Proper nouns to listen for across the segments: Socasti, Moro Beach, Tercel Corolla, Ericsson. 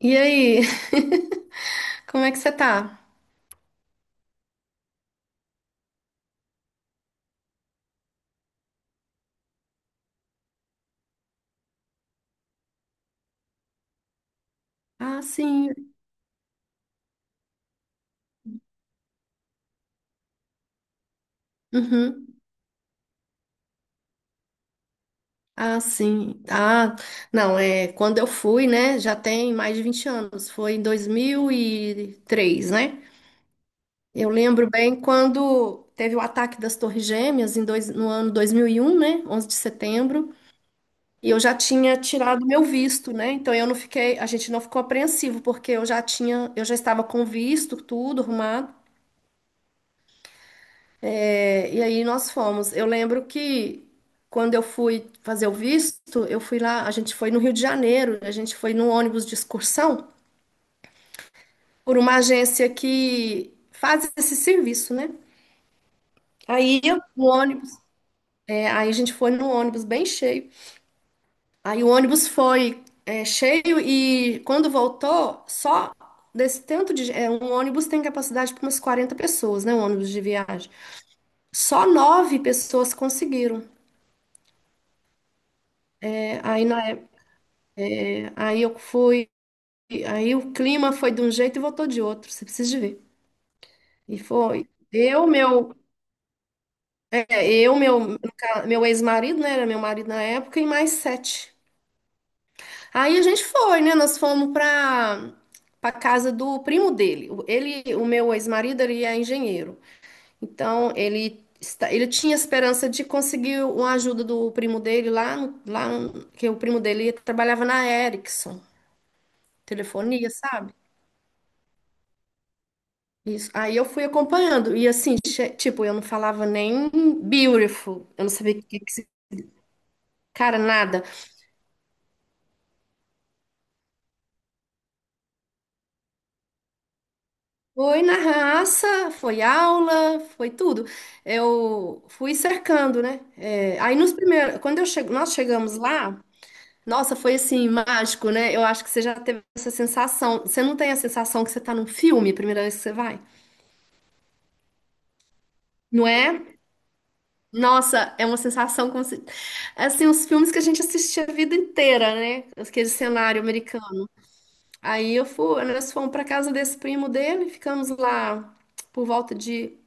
E aí? Como é que você tá? Ah, sim. Uhum. Ah, sim. Ah, não, é quando eu fui, né? Já tem mais de 20 anos. Foi em 2003, né? Eu lembro bem quando teve o ataque das Torres Gêmeas no ano 2001, né? 11 de setembro. E eu já tinha tirado meu visto, né? Então eu não fiquei, a gente não ficou apreensivo, porque eu já estava com visto, tudo arrumado. É, e aí nós fomos. Eu lembro que quando eu fui fazer o visto, a gente foi no Rio de Janeiro, a gente foi num ônibus de excursão por uma agência que faz esse serviço, né? Aí eu- o ônibus, é, aí a gente foi num ônibus bem cheio. Aí o ônibus foi cheio e quando voltou, só desse tanto de um ônibus tem capacidade para umas 40 pessoas, né? Um ônibus de viagem. Só nove pessoas conseguiram. É, aí na época, aí eu fui e aí o clima foi de um jeito e voltou de outro, você precisa de ver. E foi. Eu, meu, é, eu, meu, no ca- meu ex-marido, né? Era meu marido na época, e mais sete. Aí a gente foi, né? Nós fomos pra casa do primo dele. Ele, o meu ex-marido, ele é engenheiro. Então, ele tinha esperança de conseguir uma ajuda do primo dele lá, que o primo dele trabalhava na Ericsson, telefonia, sabe? Isso. Aí eu fui acompanhando. E assim, tipo, eu não falava nem beautiful. Eu não sabia o que que se-. Cara, nada. Foi na raça, foi aula, foi tudo. Eu fui cercando, né? É, aí nos primeiros. Nós chegamos lá, nossa, foi assim, mágico, né? Eu acho que você já teve essa sensação. Você não tem a sensação que você tá num filme, a primeira vez que você vai? Não é? Nossa, é uma sensação como se. Assim, os filmes que a gente assistia a vida inteira, né? Aquele cenário americano. Nós fomos para casa desse primo dele, ficamos lá por volta de,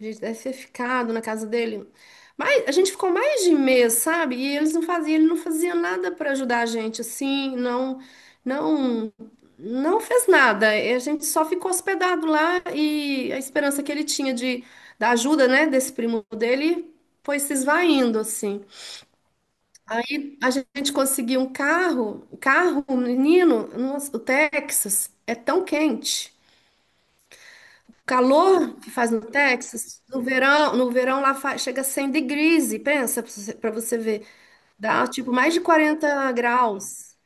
a gente deve ter ficado na casa dele. Mas a gente ficou mais de mês, sabe? E eles não faziam, ele não fazia nada para ajudar a gente assim, não, não, não fez nada. E a gente só ficou hospedado lá e a esperança que ele tinha de da ajuda, né, desse primo dele foi se esvaindo assim. Aí a gente conseguiu um carro, um menino, nossa, o Texas é tão quente. O calor que faz no Texas, no verão lá chega a 100 degrees, e pensa para você pra você ver, dá tipo mais de 40 graus.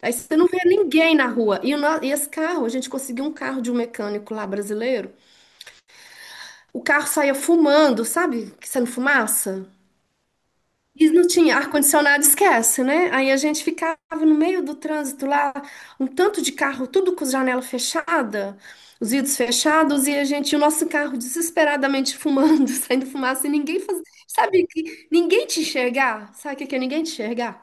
Aí você não vê ninguém na rua. E, o no- e esse carro, a gente conseguiu um carro de um mecânico lá brasileiro. O carro saía fumando, sabe? Que saindo fumaça. E não tinha ar-condicionado, esquece, né? Aí a gente ficava no meio do trânsito lá, um tanto de carro, tudo com janela fechada, os vidros fechados, e a gente, o nosso carro desesperadamente fumando, saindo fumaça, e ninguém fazia. Sabe que ninguém te enxergar? Sabe o que que é ninguém te enxergar?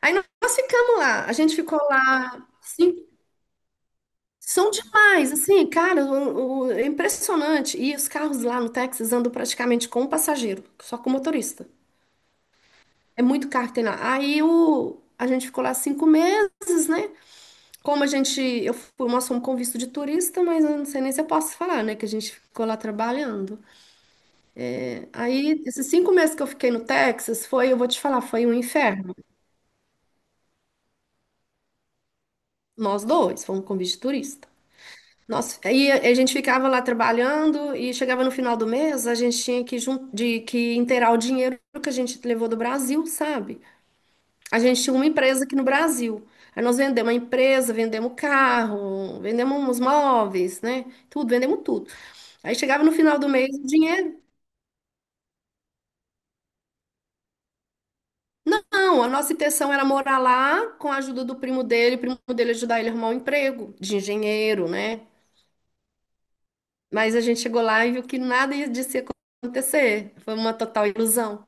Aí nós ficamos lá, a gente ficou lá, assim, são demais, assim, cara, é impressionante. E os carros lá no Texas andam praticamente com um passageiro, só com o motorista. É muito caro que tem lá. Aí a gente ficou lá 5 meses, né? Como a gente, eu fui, nós fomos com visto de turista, mas eu não sei nem se eu posso falar, né? Que a gente ficou lá trabalhando. Aí, esses 5 meses que eu fiquei no Texas, foi, eu vou te falar, foi um inferno. Nós dois fomos com visto de turista. Aí a gente ficava lá trabalhando e chegava no final do mês, a gente tinha que inteirar o dinheiro que a gente levou do Brasil, sabe? A gente tinha uma empresa aqui no Brasil. Aí nós vendemos a empresa, vendemos o carro, vendemos os móveis, né? Tudo, vendemos tudo. Aí chegava no final do mês, o dinheiro. Não, a nossa intenção era morar lá com a ajuda do primo dele, o primo dele ajudar ele a arrumar um emprego de engenheiro, né? Mas a gente chegou lá e viu que nada ia disso ia acontecer. Foi uma total ilusão.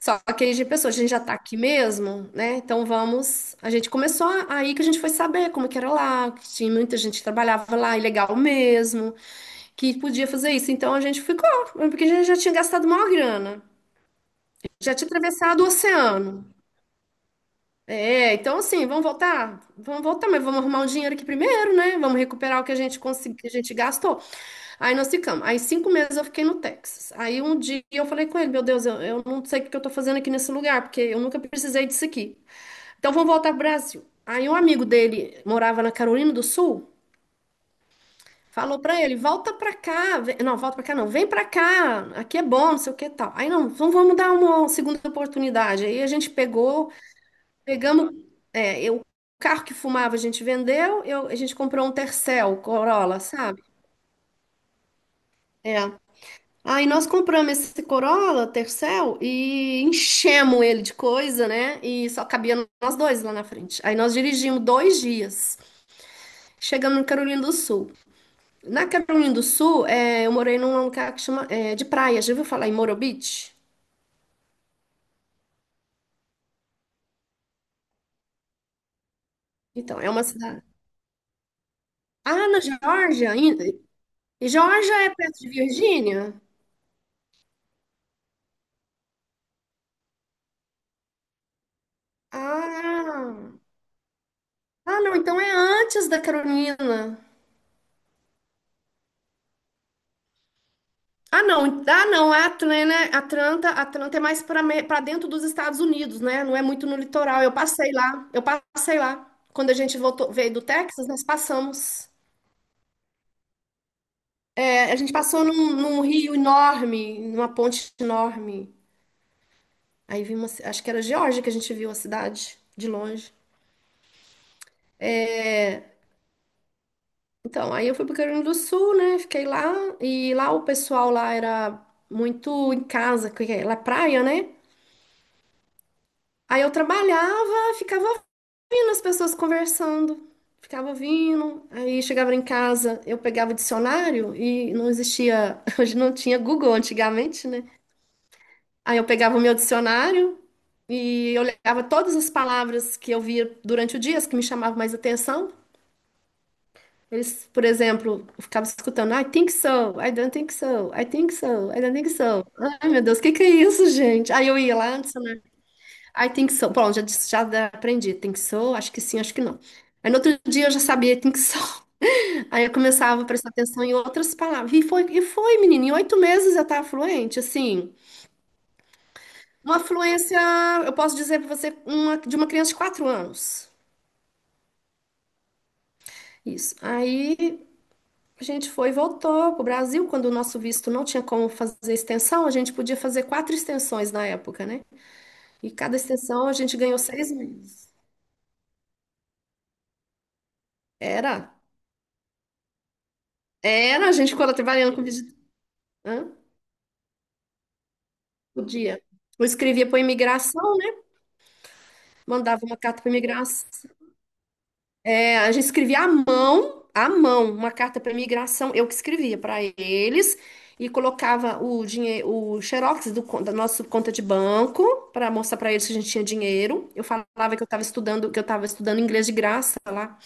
Só que aí a gente pensou, a gente já tá aqui mesmo, né? Então vamos. A gente começou aí que a gente foi saber como que era lá, que tinha muita gente que trabalhava lá, ilegal mesmo, que podia fazer isso. Então a gente ficou, porque a gente já tinha gastado maior grana, já tinha atravessado o oceano. É, então assim, vamos voltar? Vamos voltar, mas vamos arrumar um dinheiro aqui primeiro, né? Vamos recuperar o que a gente conseguiu, que a gente gastou. Aí nós ficamos. Aí 5 meses eu fiquei no Texas. Aí um dia eu falei com ele, meu Deus, eu não sei o que eu tô fazendo aqui nesse lugar, porque eu nunca precisei disso aqui. Então vamos voltar pro Brasil. Aí um amigo dele morava na Carolina do Sul, falou pra ele, volta pra cá, não, volta pra cá não, vem pra cá, aqui é bom, não sei o que e tal. Aí não, então vamos dar uma segunda oportunidade. Aí a gente pegou, pegamos, o carro que fumava a gente vendeu, a gente comprou um Tercel Corolla, sabe? É. Aí nós compramos esse Corolla Tercel e enchemos ele de coisa, né? E só cabia nós dois lá na frente. Aí nós dirigimos 2 dias. Chegando em Carolina do Sul. Na Carolina do Sul, é, eu morei num lugar que chama, é, de praia. Já ouviu falar em Moro Beach? Então, é uma cidade. Ah, na Geórgia? Ainda? E Geórgia é perto de Virgínia? Ah, ah, não, então é antes da Carolina. Ah, não, ah, não, é Atlanta, Atlanta é mais para dentro dos Estados Unidos, né? Não é muito no litoral. Eu passei lá, eu passei lá. Quando a gente voltou, veio do Texas, nós passamos. É, a gente passou num rio enorme, numa ponte enorme. Aí vimos, acho que era Geórgia que a gente viu a cidade de longe. Então, aí eu fui pro Rio Grande do Sul, né? Fiquei lá e lá o pessoal lá era muito em casa, que é lá é praia, né? Aí eu trabalhava, ficava ouvindo as pessoas conversando, ficava ouvindo. Aí chegava em casa, eu pegava o dicionário e não existia, hoje não tinha Google antigamente, né? Aí eu pegava o meu dicionário e eu olhava todas as palavras que eu via durante o dia, as que me chamavam mais atenção. Eles, por exemplo, eu ficava escutando, I think so, I don't think so, I don't think so. Ai, meu Deus, o que que é isso, gente? Aí eu ia lá no dicionário, I think so. Bom, já aprendi, think so, acho que sim, acho que não. Aí no outro dia eu já sabia, think so. Aí eu começava a prestar atenção em outras palavras. E foi, menina, em 8 meses eu estava fluente, assim. Uma fluência, eu posso dizer para você, uma, de uma criança de 4 anos. Isso. Aí a gente foi e voltou para o Brasil, quando o nosso visto não tinha como fazer extensão, a gente podia fazer quatro extensões na época, né? E cada extensão a gente ganhou 6 meses. Era, era, a gente ficou trabalhando com visita. Hã? Podia. Eu escrevia para imigração, né? Mandava uma carta para imigração. É, a gente escrevia à mão, uma carta para imigração, eu que escrevia para eles e colocava o dinheiro, o xerox da nossa conta de banco para mostrar para eles que a gente tinha dinheiro. Eu falava que eu estava estudando inglês de graça lá.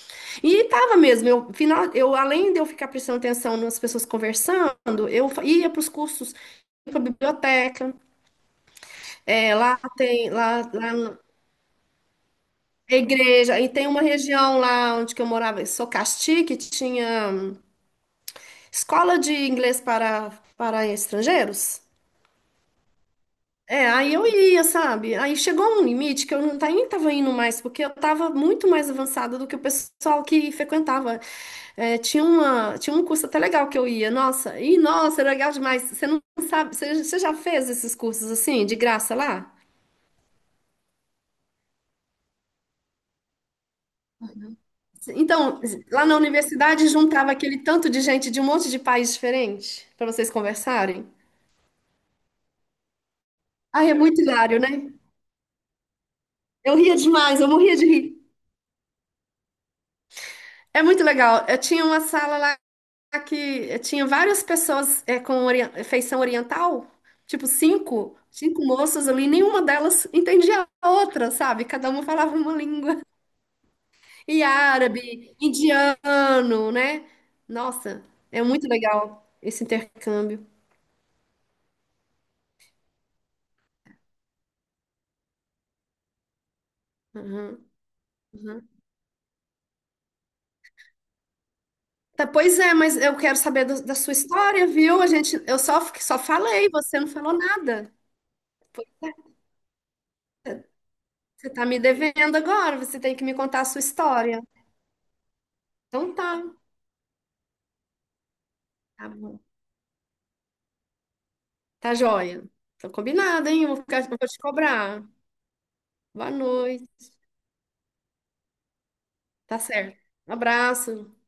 E tava mesmo, eu além de eu ficar prestando atenção nas pessoas conversando, eu ia para os cursos, ia para biblioteca, lá na igreja, e tem uma região lá onde que eu morava, em Socasti, que tinha escola de inglês para estrangeiros? É, aí eu ia, sabe? Aí chegou um limite que eu não nem tava indo mais, porque eu tava muito mais avançada do que o pessoal que frequentava. É, tinha um curso até legal que eu ia, nossa, era legal demais. Você não sabe, você já fez esses cursos assim, de graça lá? Então, lá na universidade juntava aquele tanto de gente de um monte de país diferente para vocês conversarem. Ai, é muito hilário, né? Eu ria demais, eu morria de rir. É muito legal. Eu tinha uma sala lá que tinha várias pessoas com feição oriental, tipo cinco moças ali, nenhuma delas entendia a outra, sabe? Cada uma falava uma língua. E árabe, indiano, né? Nossa, é muito legal esse intercâmbio. Uhum, uhum. Tá, pois é, mas eu quero saber da sua história, viu? A gente, eu só, só falei, você não falou nada. Você tá me devendo agora, você tem que me contar a sua história. Então tá, tá bom. Tá joia. Tá combinado, hein? Eu vou ficar, eu vou te cobrar. Boa noite. Tá certo. Um abraço.